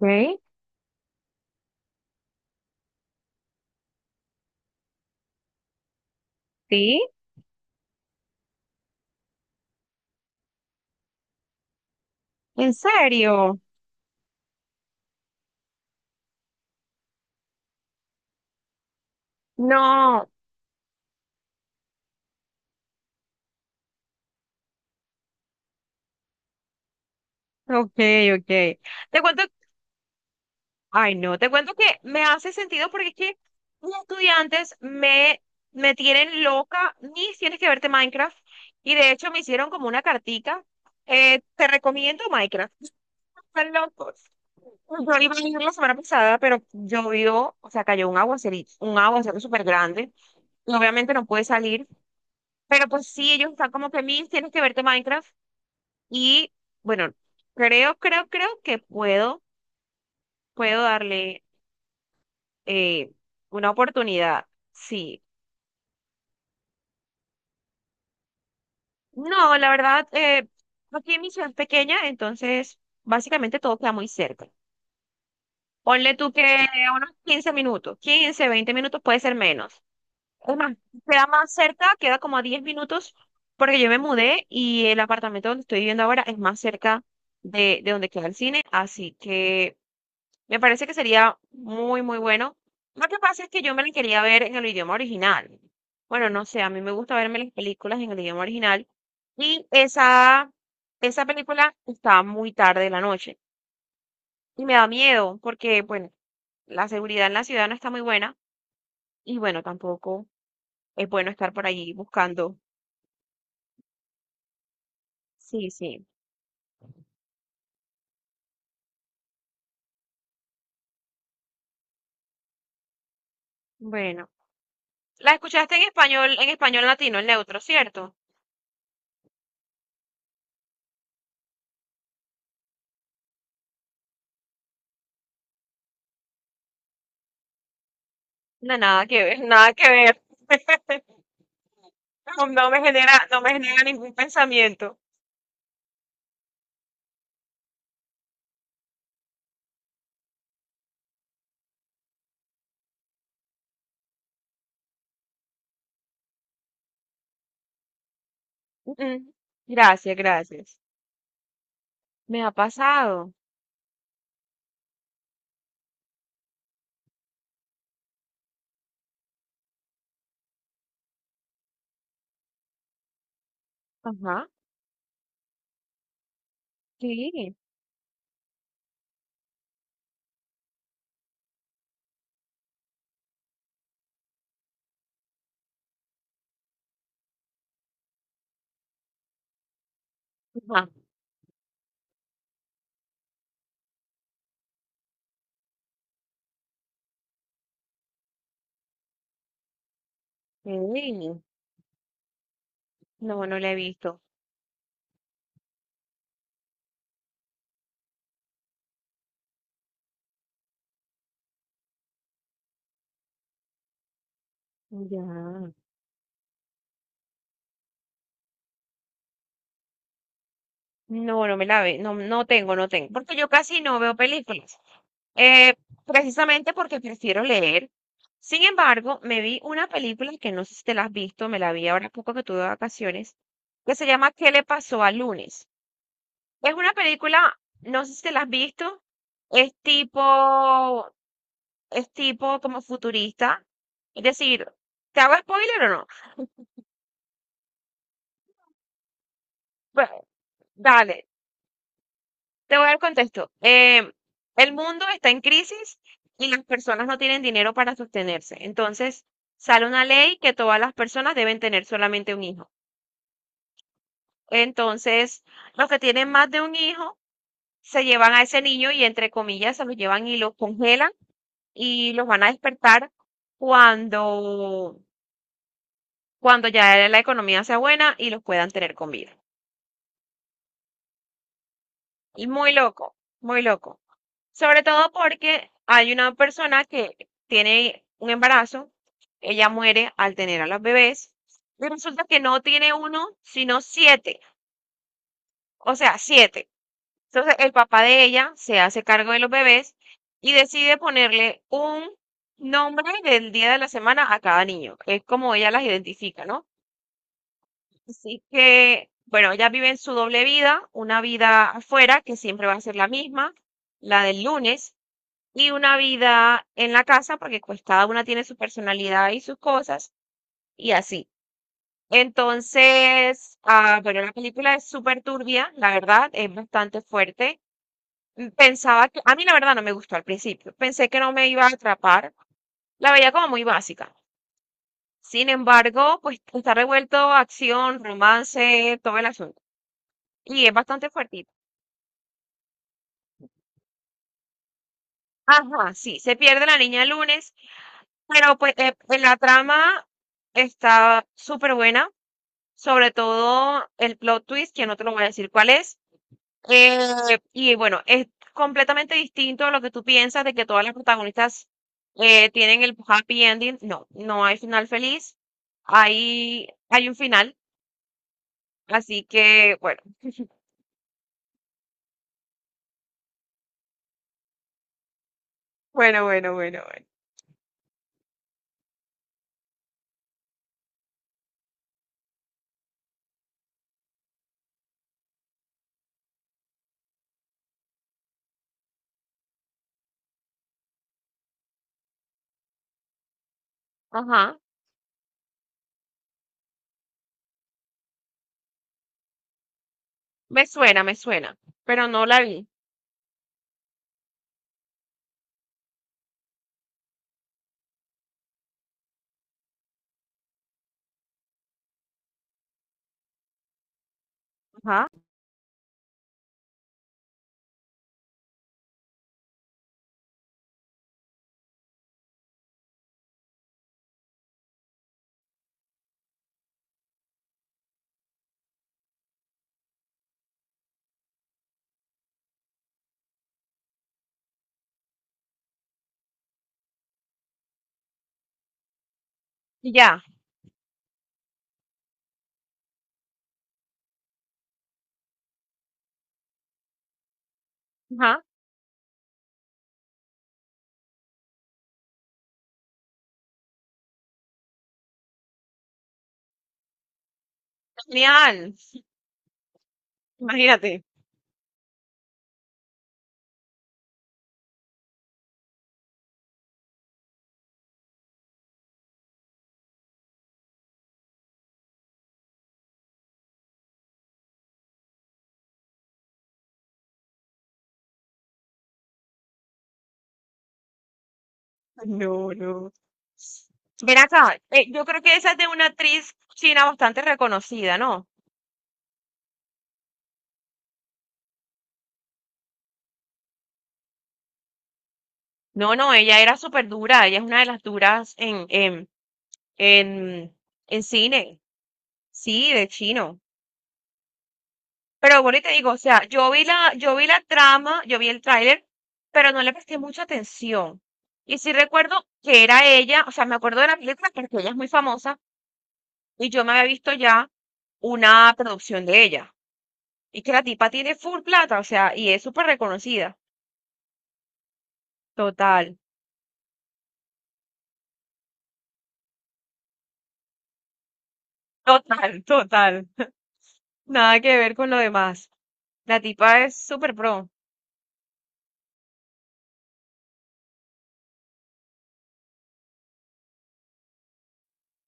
¿Ok? ¿Sí? ¿En serio? No, ok, ok. Te cuento, ay no, te cuento que me hace sentido porque es que mis estudiantes me tienen loca, ni tienes que verte Minecraft, y de hecho me hicieron como una cartica, te recomiendo Minecraft, están locos. Yo iba a ir la semana pasada, pero llovió, o sea, cayó un aguacerito, un aguacero súper grande, y obviamente no pude salir, pero pues sí, ellos están como que, Miss, tienes que verte Minecraft. Y bueno, creo que puedo darle eh, una oportunidad. Sí. No, la verdad, aquí mi ciudad es pequeña, entonces básicamente todo queda muy cerca. Ponle tú que a unos 15 minutos, 15, 20 minutos puede ser menos. Es más, queda más cerca, queda como a 10 minutos, porque yo me mudé y el apartamento donde estoy viviendo ahora es más cerca de donde queda el cine, así que me parece que sería muy, muy bueno. Lo que pasa es que yo me la quería ver en el idioma original. Bueno, no sé, a mí me gusta verme las películas en el idioma original. Y esa película está muy tarde de la noche. Y me da miedo porque, bueno, la seguridad en la ciudad no está muy buena. Y bueno, tampoco es bueno estar por allí buscando. Sí, sí. Bueno. ¿La escuchaste en español latino, en neutro, cierto? No, nada que ver, nada que ver. No, no me genera, no me genera ningún pensamiento. Mm. Gracias, gracias. Me ha pasado. Ajá. Sí. Ajá. Sí. No, no la he visto. Ya. No, no me la ve, no, no tengo, no tengo, porque yo casi no veo películas, eh, precisamente porque prefiero leer. Sin embargo, me vi una película que no sé si te la has visto, me la vi ahora poco que tuve vacaciones, que se llama ¿Qué le pasó al lunes? Es una película, no sé si te la has visto, es tipo, es tipo como futurista, es decir, ¿te hago spoiler o no? Bueno, dale, te voy a dar contexto. El mundo está en crisis y las personas no tienen dinero para sostenerse. Entonces, sale una ley que todas las personas deben tener solamente un hijo. Entonces, los que tienen más de un hijo se llevan a ese niño y, entre comillas, se los llevan y los congelan y los van a despertar cuando, cuando ya la economía sea buena y los puedan tener con vida. Y muy loco, muy loco. Sobre todo porque hay una persona que tiene un embarazo, ella muere al tener a los bebés, y resulta que no tiene uno, sino siete, o sea, siete. Entonces el papá de ella se hace cargo de los bebés y decide ponerle un nombre del día de la semana a cada niño. Es como ella las identifica, ¿no? Así que, bueno, ella vive en su doble vida, una vida afuera que siempre va a ser la misma, la del lunes, y una vida en la casa, porque pues cada una tiene su personalidad y sus cosas, y así. Entonces, bueno, la película es súper turbia, la verdad, es bastante fuerte. Pensaba que, a mí la verdad no me gustó al principio, pensé que no me iba a atrapar, la veía como muy básica. Sin embargo, pues está revuelto acción, romance, todo el asunto. Y es bastante fuertita. Ajá, sí, se pierde la niña el lunes, pero pues en la trama está súper buena. Sobre todo el plot twist, que no te lo voy a decir cuál es. Y bueno, es completamente distinto a lo que tú piensas de que todas las protagonistas tienen el happy ending. No, no hay final feliz. Hay un final. Así que, bueno. Bueno, bueno, bueno, bueno. Ajá. Me suena, me suena. Pero no la vi. Ajá. Y ya. Ajá. Genial. Imagínate. No, no. Ven acá, yo creo que esa es de una actriz china bastante reconocida, ¿no? No, no, ella era súper dura, ella es una de las duras en, en cine, sí, de chino. Pero bueno, y te digo, o sea, yo vi la trama, yo vi el tráiler, pero no le presté mucha atención. Y sí recuerdo que era ella, o sea, me acuerdo de la película porque ella es muy famosa y yo me había visto ya una producción de ella. Y que la tipa tiene full plata, o sea, y es súper reconocida. Total, total, total. Nada que ver con lo demás. La tipa es súper pro.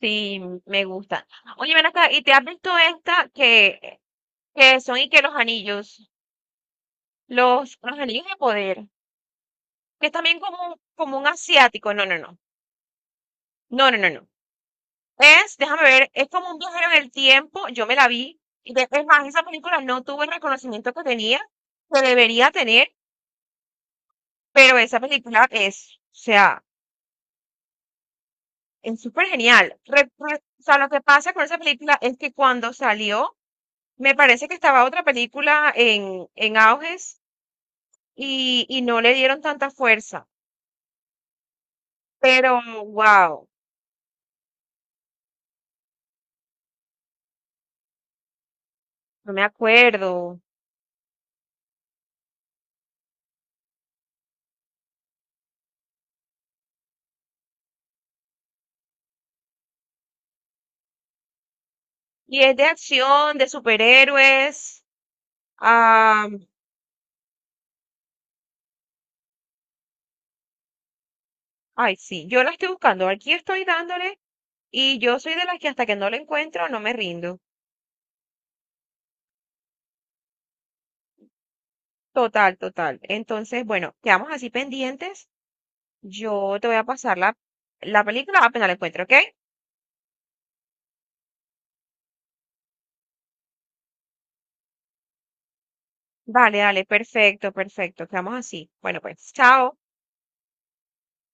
Sí, me gusta. Oye, ven acá, ¿y te has visto esta que son y que los anillos, los anillos de poder, que es también como, como un asiático? No, no, no. No, no, no, no. Es, déjame ver, es como un viajero en el tiempo. Yo me la vi. Es más, esa película no tuvo el reconocimiento que tenía, que debería tener. Pero esa película es, o sea, es súper genial. O sea, lo que pasa con esa película es que cuando salió, me parece que estaba otra película en auges y no le dieron tanta fuerza. Pero, wow, no me acuerdo. Y es de acción, de superhéroes. ah, Ay, sí, yo la estoy buscando. Aquí estoy dándole y yo soy de las que hasta que no la encuentro no me rindo. Total, total. Entonces, bueno, quedamos así pendientes. Yo te voy a pasar la película apenas la encuentro, ¿ok? Vale, dale, perfecto, perfecto. Quedamos así. Bueno, pues, chao.